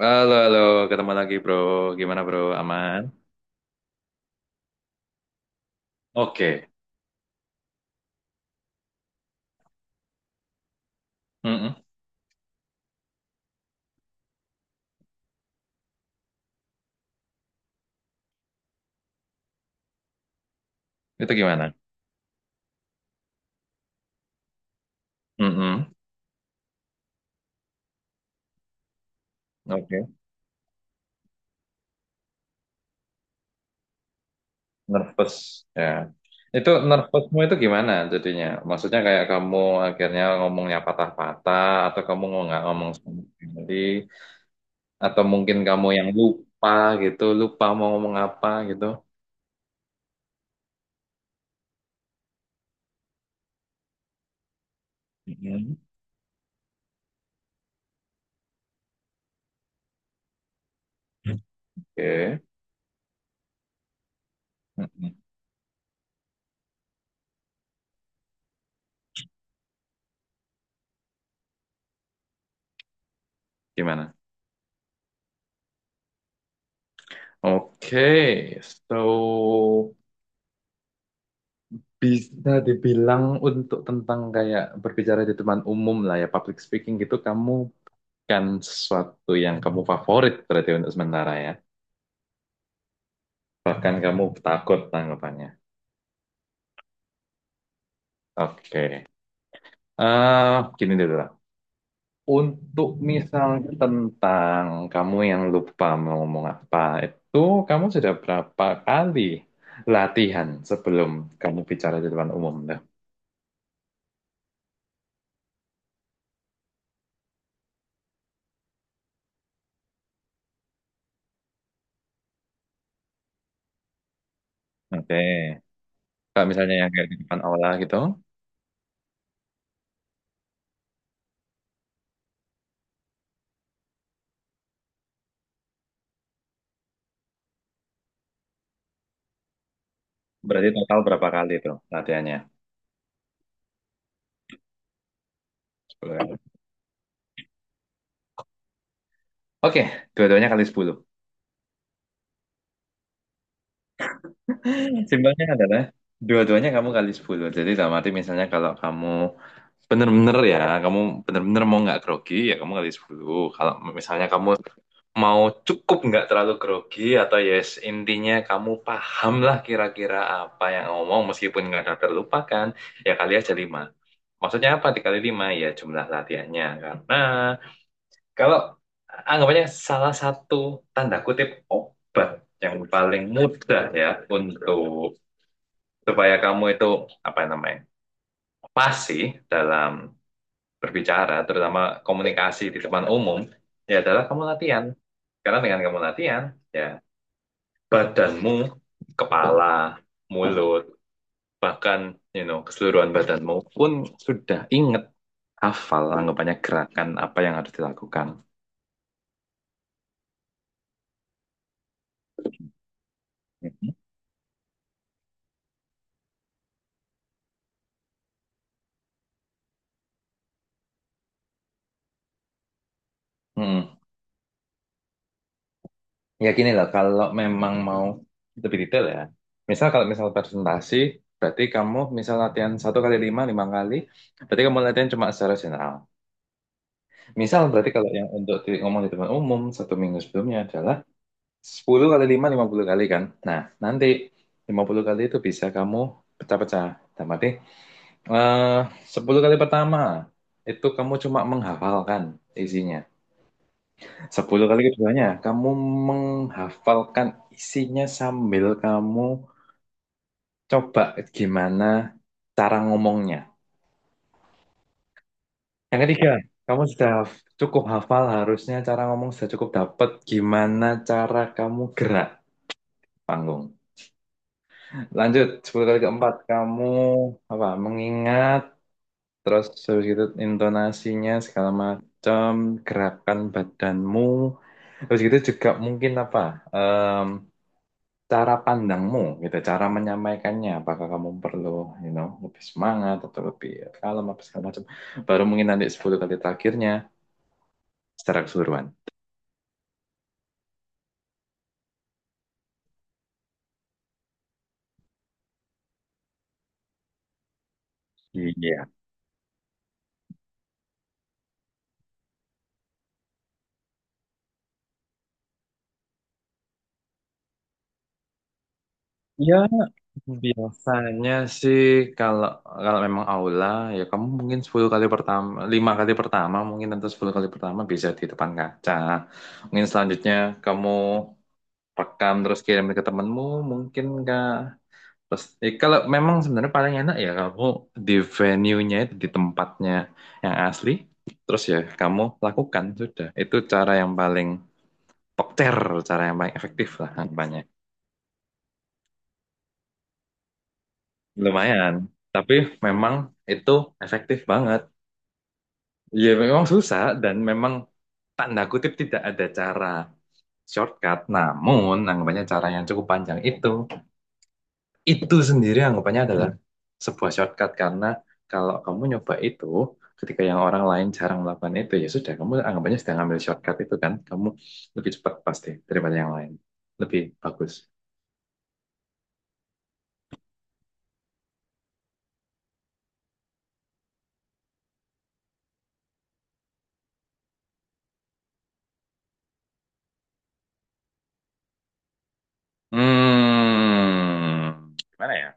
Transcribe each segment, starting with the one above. Halo, halo, ketemu lagi bro. Gimana bro? Aman? Oke. Mm-mm. Itu gimana? Mm-mm. Oke. Nervous. Ya. Itu nervousmu itu gimana jadinya? Maksudnya kayak kamu akhirnya ngomongnya patah-patah, atau kamu nggak ngomong sama sekali, atau mungkin kamu yang lupa gitu, lupa mau ngomong apa gitu. Mm-mm. Oke. Mm-mm. Gimana? Oke, so bisa dibilang untuk tentang kayak berbicara di depan umum lah ya, public speaking gitu, kamu kan sesuatu yang kamu favorit berarti untuk sementara ya. Bahkan kamu takut tanggapannya. Oke. eh Gini dulu lah. Untuk misalnya tentang kamu yang lupa mau ngomong apa, itu kamu sudah berapa kali latihan sebelum kamu bicara di depan umum? Tuh? Oke. Kalau misalnya yang kayak di depan aula gitu. Berarti total berapa kali tuh latihannya? 10 kali. Oke, dua-duanya kali 10. Simpelnya adalah dua-duanya kamu kali 10. Jadi dalam arti misalnya kalau kamu bener-bener ya, kamu bener-bener mau nggak grogi, ya kamu kali 10. Kalau misalnya kamu mau cukup nggak terlalu grogi atau yes intinya kamu paham lah kira-kira apa yang ngomong meskipun nggak ada terlupakan, ya kali aja 5. Maksudnya apa dikali lima? Ya, jumlah latihannya. Karena kalau anggapannya salah satu tanda kutip obat yang paling mudah ya untuk supaya kamu itu apa namanya pasti dalam berbicara, terutama komunikasi di depan umum, ya adalah kamu latihan. Karena dengan kamu latihan, ya badanmu, kepala, mulut, bahkan keseluruhan badanmu pun sudah inget hafal anggapannya gerakan apa yang harus dilakukan. Hmm. Ya gini loh, kalau memang mau lebih detail ya. Misal kalau misal presentasi, berarti kamu misal latihan satu kali lima, lima kali, berarti kamu latihan cuma secara general. Misal berarti kalau yang untuk di, ngomong di depan umum 1 minggu sebelumnya adalah 10 kali lima, 50 kali kan. Nah, nanti 50 kali itu bisa kamu pecah-pecah. Dalam arti, eh, sepuluh kali pertama itu kamu cuma menghafalkan isinya. Sepuluh kali keduanya, kamu menghafalkan isinya sambil kamu coba gimana cara ngomongnya. Yang ketiga, kamu sudah cukup hafal harusnya cara ngomong sudah cukup dapat gimana cara kamu gerak panggung. Lanjut, sepuluh kali keempat, kamu apa mengingat terus terus gitu intonasinya segala macam gerakan badanmu. Terus gitu juga mungkin apa? Cara pandangmu gitu, cara menyampaikannya, apakah kamu perlu, lebih semangat atau lebih kalem apa segala macam. Baru mungkin nanti 10 kali terakhirnya secara keseluruhan. Iya. Ya, biasanya sih kalau kalau memang aula ya kamu mungkin 10 kali pertama, 5 kali pertama mungkin atau 10 kali pertama bisa di depan kaca. Mungkin selanjutnya kamu rekam terus kirim ke temanmu, mungkin enggak. Terus, kalau memang sebenarnya paling enak ya kamu di venue-nya itu di tempatnya yang asli, terus ya kamu lakukan sudah. Itu cara yang paling pokter, cara yang paling efektif lah harapannya. Lumayan, tapi memang itu efektif banget. Ya memang susah dan memang tanda kutip tidak ada cara shortcut, namun anggapannya cara yang cukup panjang itu sendiri anggapannya adalah sebuah shortcut karena kalau kamu nyoba itu ketika yang orang lain jarang melakukan itu ya sudah kamu anggapannya sedang ambil shortcut itu kan kamu lebih cepat pasti daripada yang lain lebih bagus. Gimana ya,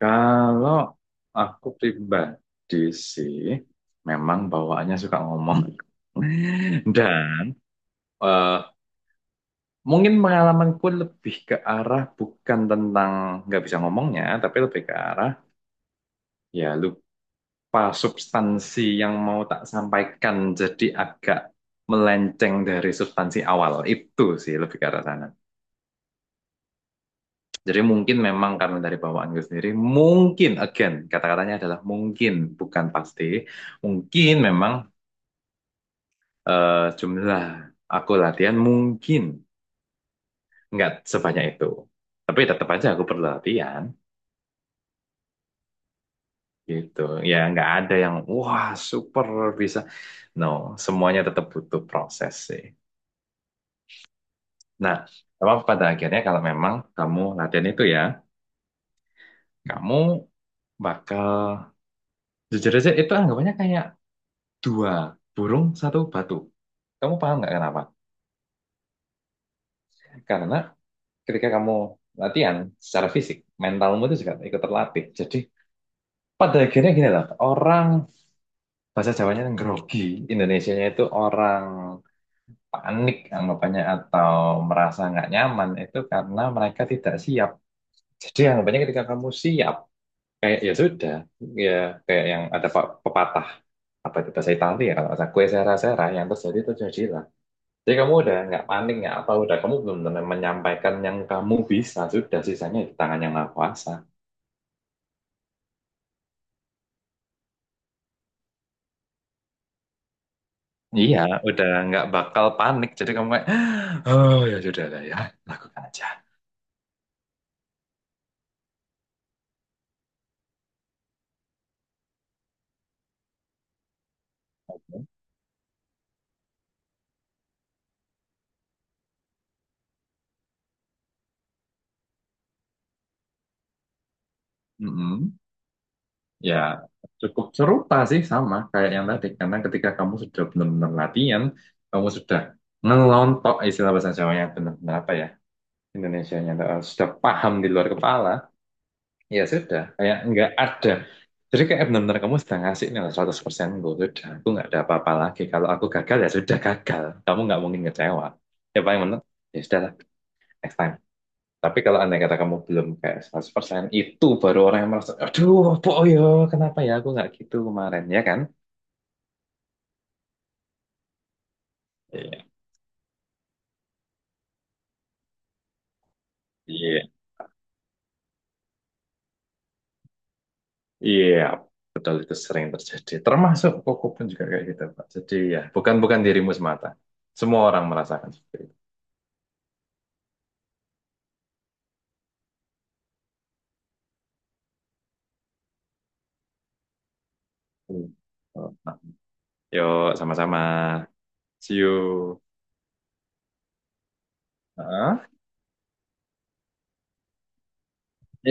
kalau aku pribadi sih memang bawaannya suka ngomong dan eh, mungkin pengalamanku lebih ke arah bukan tentang nggak bisa ngomongnya tapi lebih ke arah. Ya, lupa substansi yang mau tak sampaikan jadi agak melenceng dari substansi awal. Itu sih lebih ke arah sana. Jadi mungkin memang karena dari bawaanku sendiri, mungkin, again, kata-katanya adalah mungkin, bukan pasti. Mungkin memang jumlah aku latihan mungkin nggak sebanyak itu. Tapi tetap aja aku perlu latihan, gitu. Ya nggak ada yang, wah super bisa. No, semuanya tetap butuh proses sih. Nah, apa pada akhirnya kalau memang kamu latihan itu ya, kamu bakal jujur aja itu anggapannya kayak dua burung satu batu. Kamu paham nggak kenapa? Karena ketika kamu latihan secara fisik, mentalmu itu juga ikut terlatih. Jadi pada akhirnya gini lah, orang bahasa Jawanya yang grogi, Indonesianya itu orang panik anggapannya atau merasa nggak nyaman itu karena mereka tidak siap. Jadi anggapannya ketika kamu siap, kayak ya sudah, ya kayak yang ada pepatah apa itu bahasa Italia ya kalau nggak kue sera-sera yang terjadi itu jadilah. Jadi kamu udah nggak panik nggak apa udah kamu belum menyampaikan yang kamu bisa sudah sisanya di tangan yang maha kuasa. Iya, udah nggak bakal panik. Jadi kamu kayak, oh ya sudah lah ya, lakukan aja. Mm-mm. Ya, cukup serupa sih sama kayak yang tadi. Karena ketika kamu sudah benar-benar latihan, kamu sudah ngelontok istilah bahasa Jawanya benar-benar apa ya? Indonesianya sudah paham di luar kepala, ya sudah, kayak nggak ada. Jadi kayak benar-benar kamu sudah ngasih nih 100% gue, sudah, aku nggak ada apa-apa lagi. Kalau aku gagal ya sudah gagal, kamu nggak mungkin kecewa. Ya paling benar, ya sudah lah, next time. Tapi kalau andai kata kamu belum kayak 100%, itu baru orang yang merasa, aduh, boyo, kenapa ya aku nggak gitu kemarin, ya kan? Iya. Iya. Iya, betul itu sering terjadi. Termasuk koko pun juga kayak gitu, Pak. Jadi ya, bukan bukan dirimu semata. Semua orang merasakan seperti itu. Hmm. Oh, nah, yuk sama-sama. See you. Hah?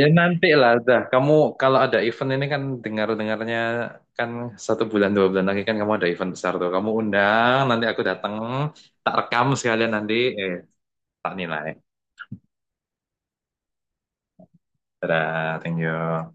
Ya nanti lah, dah. Kamu kalau ada event ini kan dengar-dengarnya kan 1 bulan 2 bulan lagi kan kamu ada event besar tuh. Kamu undang, nanti aku datang, tak rekam sekalian nanti, eh tak nilai. Dadah, thank you.